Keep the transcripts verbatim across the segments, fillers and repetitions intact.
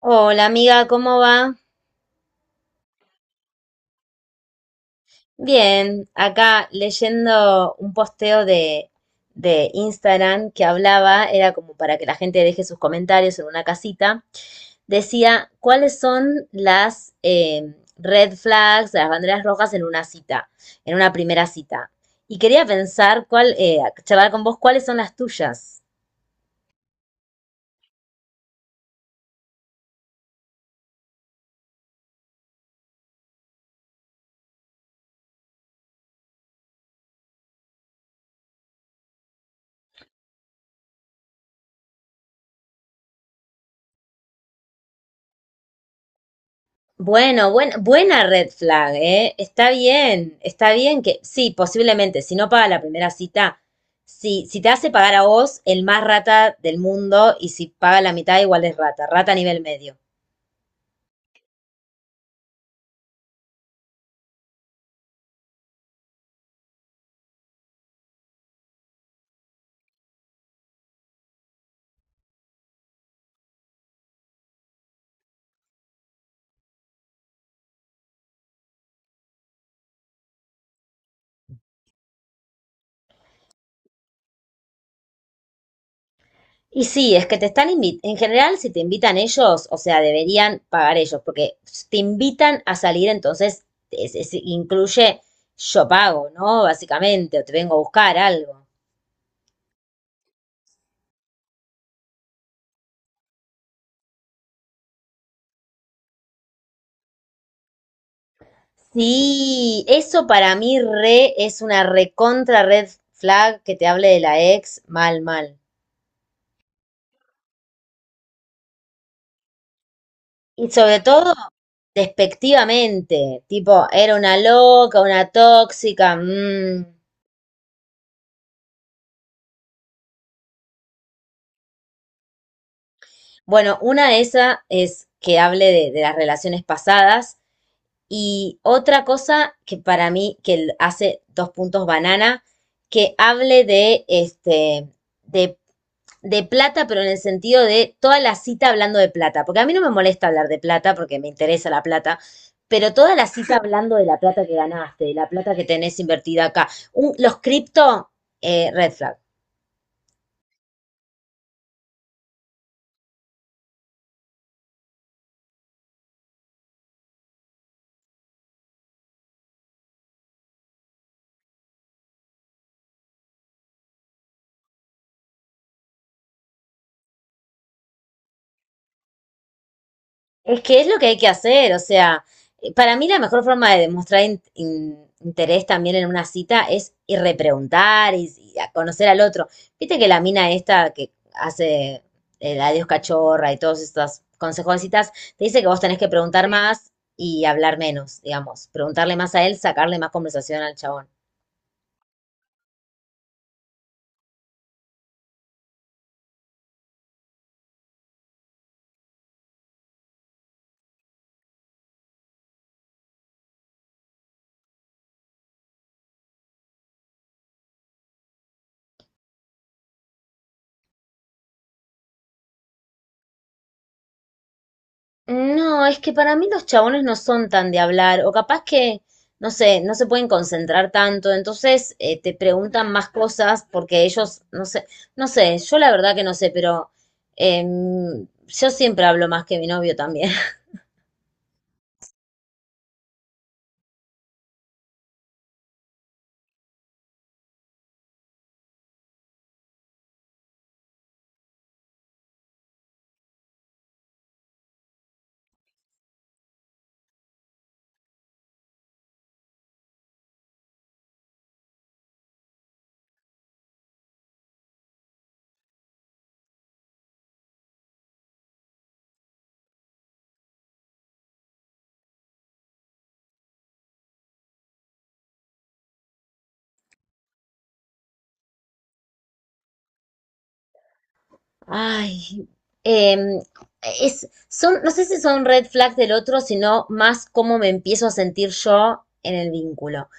Hola amiga, ¿cómo va? Bien, acá leyendo un posteo de, de Instagram que hablaba, era como para que la gente deje sus comentarios en una casita, decía, ¿cuáles son las eh, red flags, las banderas rojas en una cita, en una primera cita? Y quería pensar cuál, eh, charlar con vos, ¿cuáles son las tuyas? Bueno, buen, buena red flag, ¿eh? Está bien, está bien que, sí, posiblemente, si no paga la primera cita, si, si te hace pagar a vos, el más rata del mundo, y si paga la mitad, igual es rata, rata a nivel medio. Y sí, es que te están invitando, en general, si te invitan ellos, o sea, deberían pagar ellos, porque te invitan a salir, entonces, es- es- incluye yo pago, ¿no? Básicamente, o te vengo a buscar algo. Sí, eso para mí re es una recontra red flag que te hable de la ex mal, mal. Y sobre todo, despectivamente, tipo, era una loca, una tóxica. Mm. Bueno, una de esas es que hable de, de las relaciones pasadas. Y otra cosa que para mí, que hace dos puntos banana, que hable de, este, de, de plata, pero en el sentido de toda la cita hablando de plata. Porque a mí no me molesta hablar de plata, porque me interesa la plata, pero toda la cita hablando de la plata que ganaste, de la plata que tenés invertida acá. Un- los cripto, eh, red flag. Es que es lo que hay que hacer, o sea, eh, para mí la mejor forma de demostrar in- in- interés también en una cita es ir repreguntar y, y a conocer al otro. Viste que la mina esta que hace el adiós cachorra y todos estos consejos de citas, te dice que vos tenés que preguntar sí más y hablar menos, digamos, preguntarle más a él, sacarle más conversación al chabón. No, es que para mí los chabones no son tan de hablar, o capaz que, no sé, no se pueden concentrar tanto, entonces eh, te preguntan más cosas porque ellos, no sé, no sé, yo la verdad que no sé, pero em, yo siempre hablo más que mi novio también. Ay, em, es, son, no sé si son red flags del otro, sino más cómo me empiezo a sentir yo en el vínculo.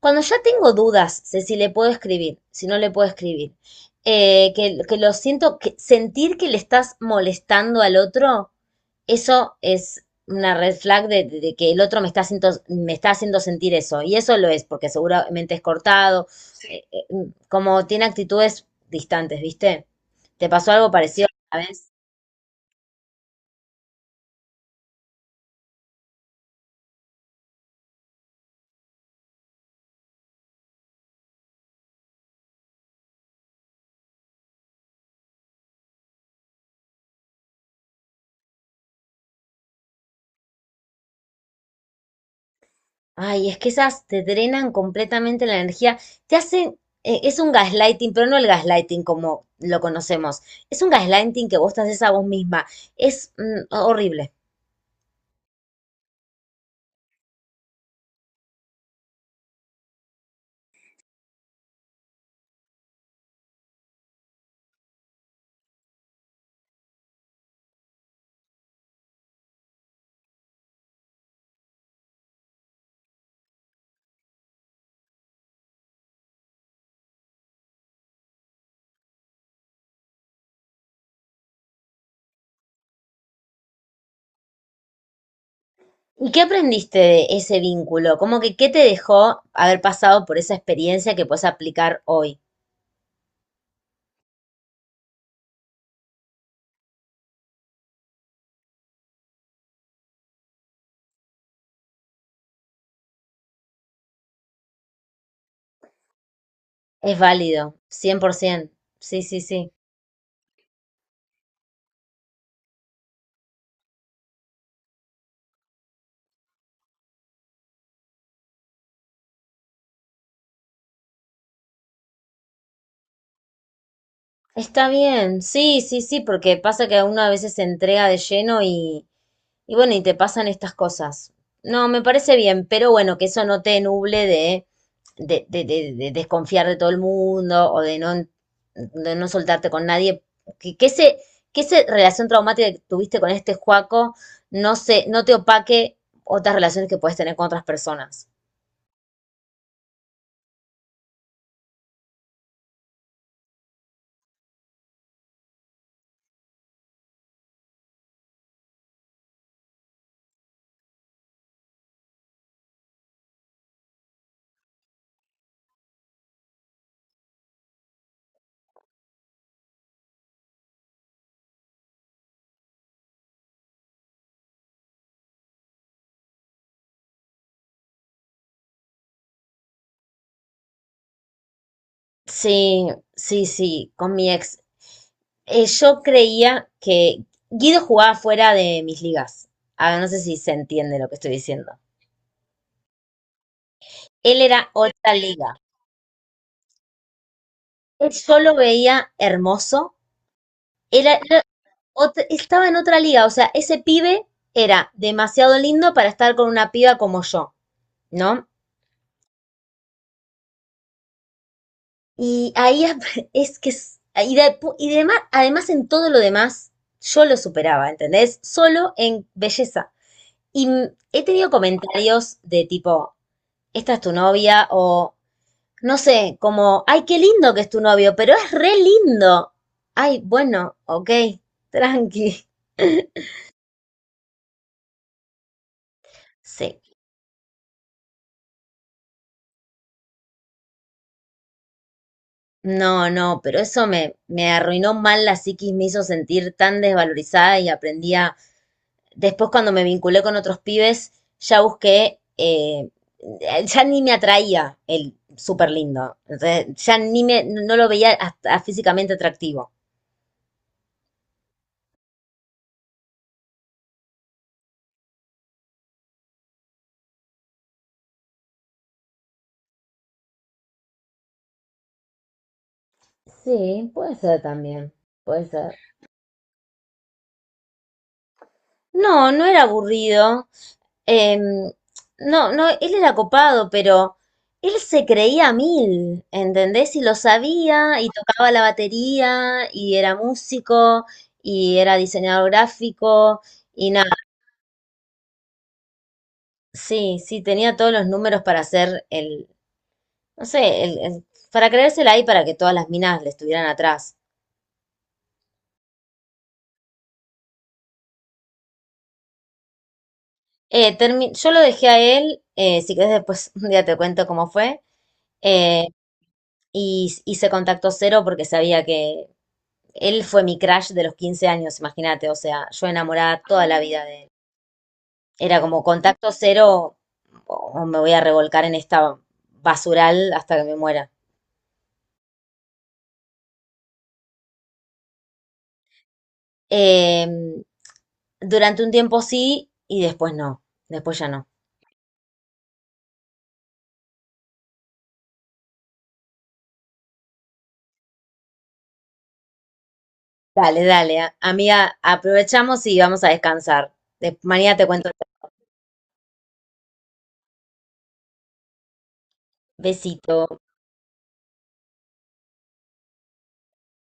Cuando ya tengo dudas de si le puedo escribir, si no le puedo escribir, eh, que, que lo siento, que sentir que le estás molestando al otro, eso es una red flag de, de que el otro me está, haciendo, me está haciendo sentir eso. Y eso lo es, porque seguramente es cortado, eh, eh, como tiene actitudes distantes, ¿viste? ¿Te pasó algo parecido a vez? Ay, es que esas te drenan completamente la energía, te hacen, eh, es un gaslighting, pero no el gaslighting como lo conocemos, es un gaslighting que vos te haces a vos misma, es mm, horrible. ¿Y qué aprendiste de ese vínculo? Como que ¿qué te dejó haber pasado por esa experiencia que puedes aplicar hoy? Es válido, cien por ciento, sí, sí, sí. Está bien, sí, sí, sí, porque pasa que uno a veces se entrega de lleno y, Y bueno, y te pasan estas cosas. No, me parece bien, pero bueno, que eso no te nuble de, de, de- de- de desconfiar de todo el mundo o de no, de no soltarte con nadie. Que, que ese, que esa relación traumática que tuviste con este Juaco no se, no te opaque otras relaciones que puedes tener con otras personas. Sí, sí, sí, con mi ex. Eh, yo creía que Guido jugaba fuera de mis ligas. Ah, no sé si se entiende lo que estoy diciendo. Él era otra liga. Él- yo lo veía hermoso. Era, era ot- estaba en otra liga. O sea, ese pibe era demasiado lindo para estar con una piba como yo, ¿no? Y ahí ap- es que es- y, de, pu- y demás, además en todo lo demás, yo lo superaba, ¿entendés? Solo en belleza. Y mm, he tenido comentarios de tipo, esta es tu novia, o no sé, como, ay, qué lindo que es tu novio, pero es re lindo. Ay, bueno, ok, tranqui. Sí, no, no, pero eso me, me arruinó mal la psiquis, me hizo sentir tan desvalorizada y aprendí a... Después cuando me vinculé con otros pibes, ya busqué, eh, ya ni me atraía el súper lindo. Entonces, ya ni me, no lo veía hasta físicamente atractivo. Sí, puede ser también, puede ser. No, no era aburrido. Em, no, no, él era copado, pero él se creía a mil, ¿entendés? Y lo sabía, y tocaba la batería, y era músico, y era diseñador gráfico, y nada, sí, sí, tenía todos los números para hacer el, no sé, el, el- para creérsela ahí para que todas las minas le estuvieran atrás. Eh, termi- yo lo dejé a él, eh, si querés después un día te cuento cómo fue. Eh, Y hice contacto cero porque sabía que él fue mi crush de los quince años, imagínate, o sea, yo enamorada toda la vida de él. Era como contacto cero o o me voy a revolcar en esta basural hasta que me muera. Eh, durante un tiempo sí y después no, después ya no. Dale, dale, a- amiga, aprovechamos y vamos a descansar. De- mañana te cuento. Besito.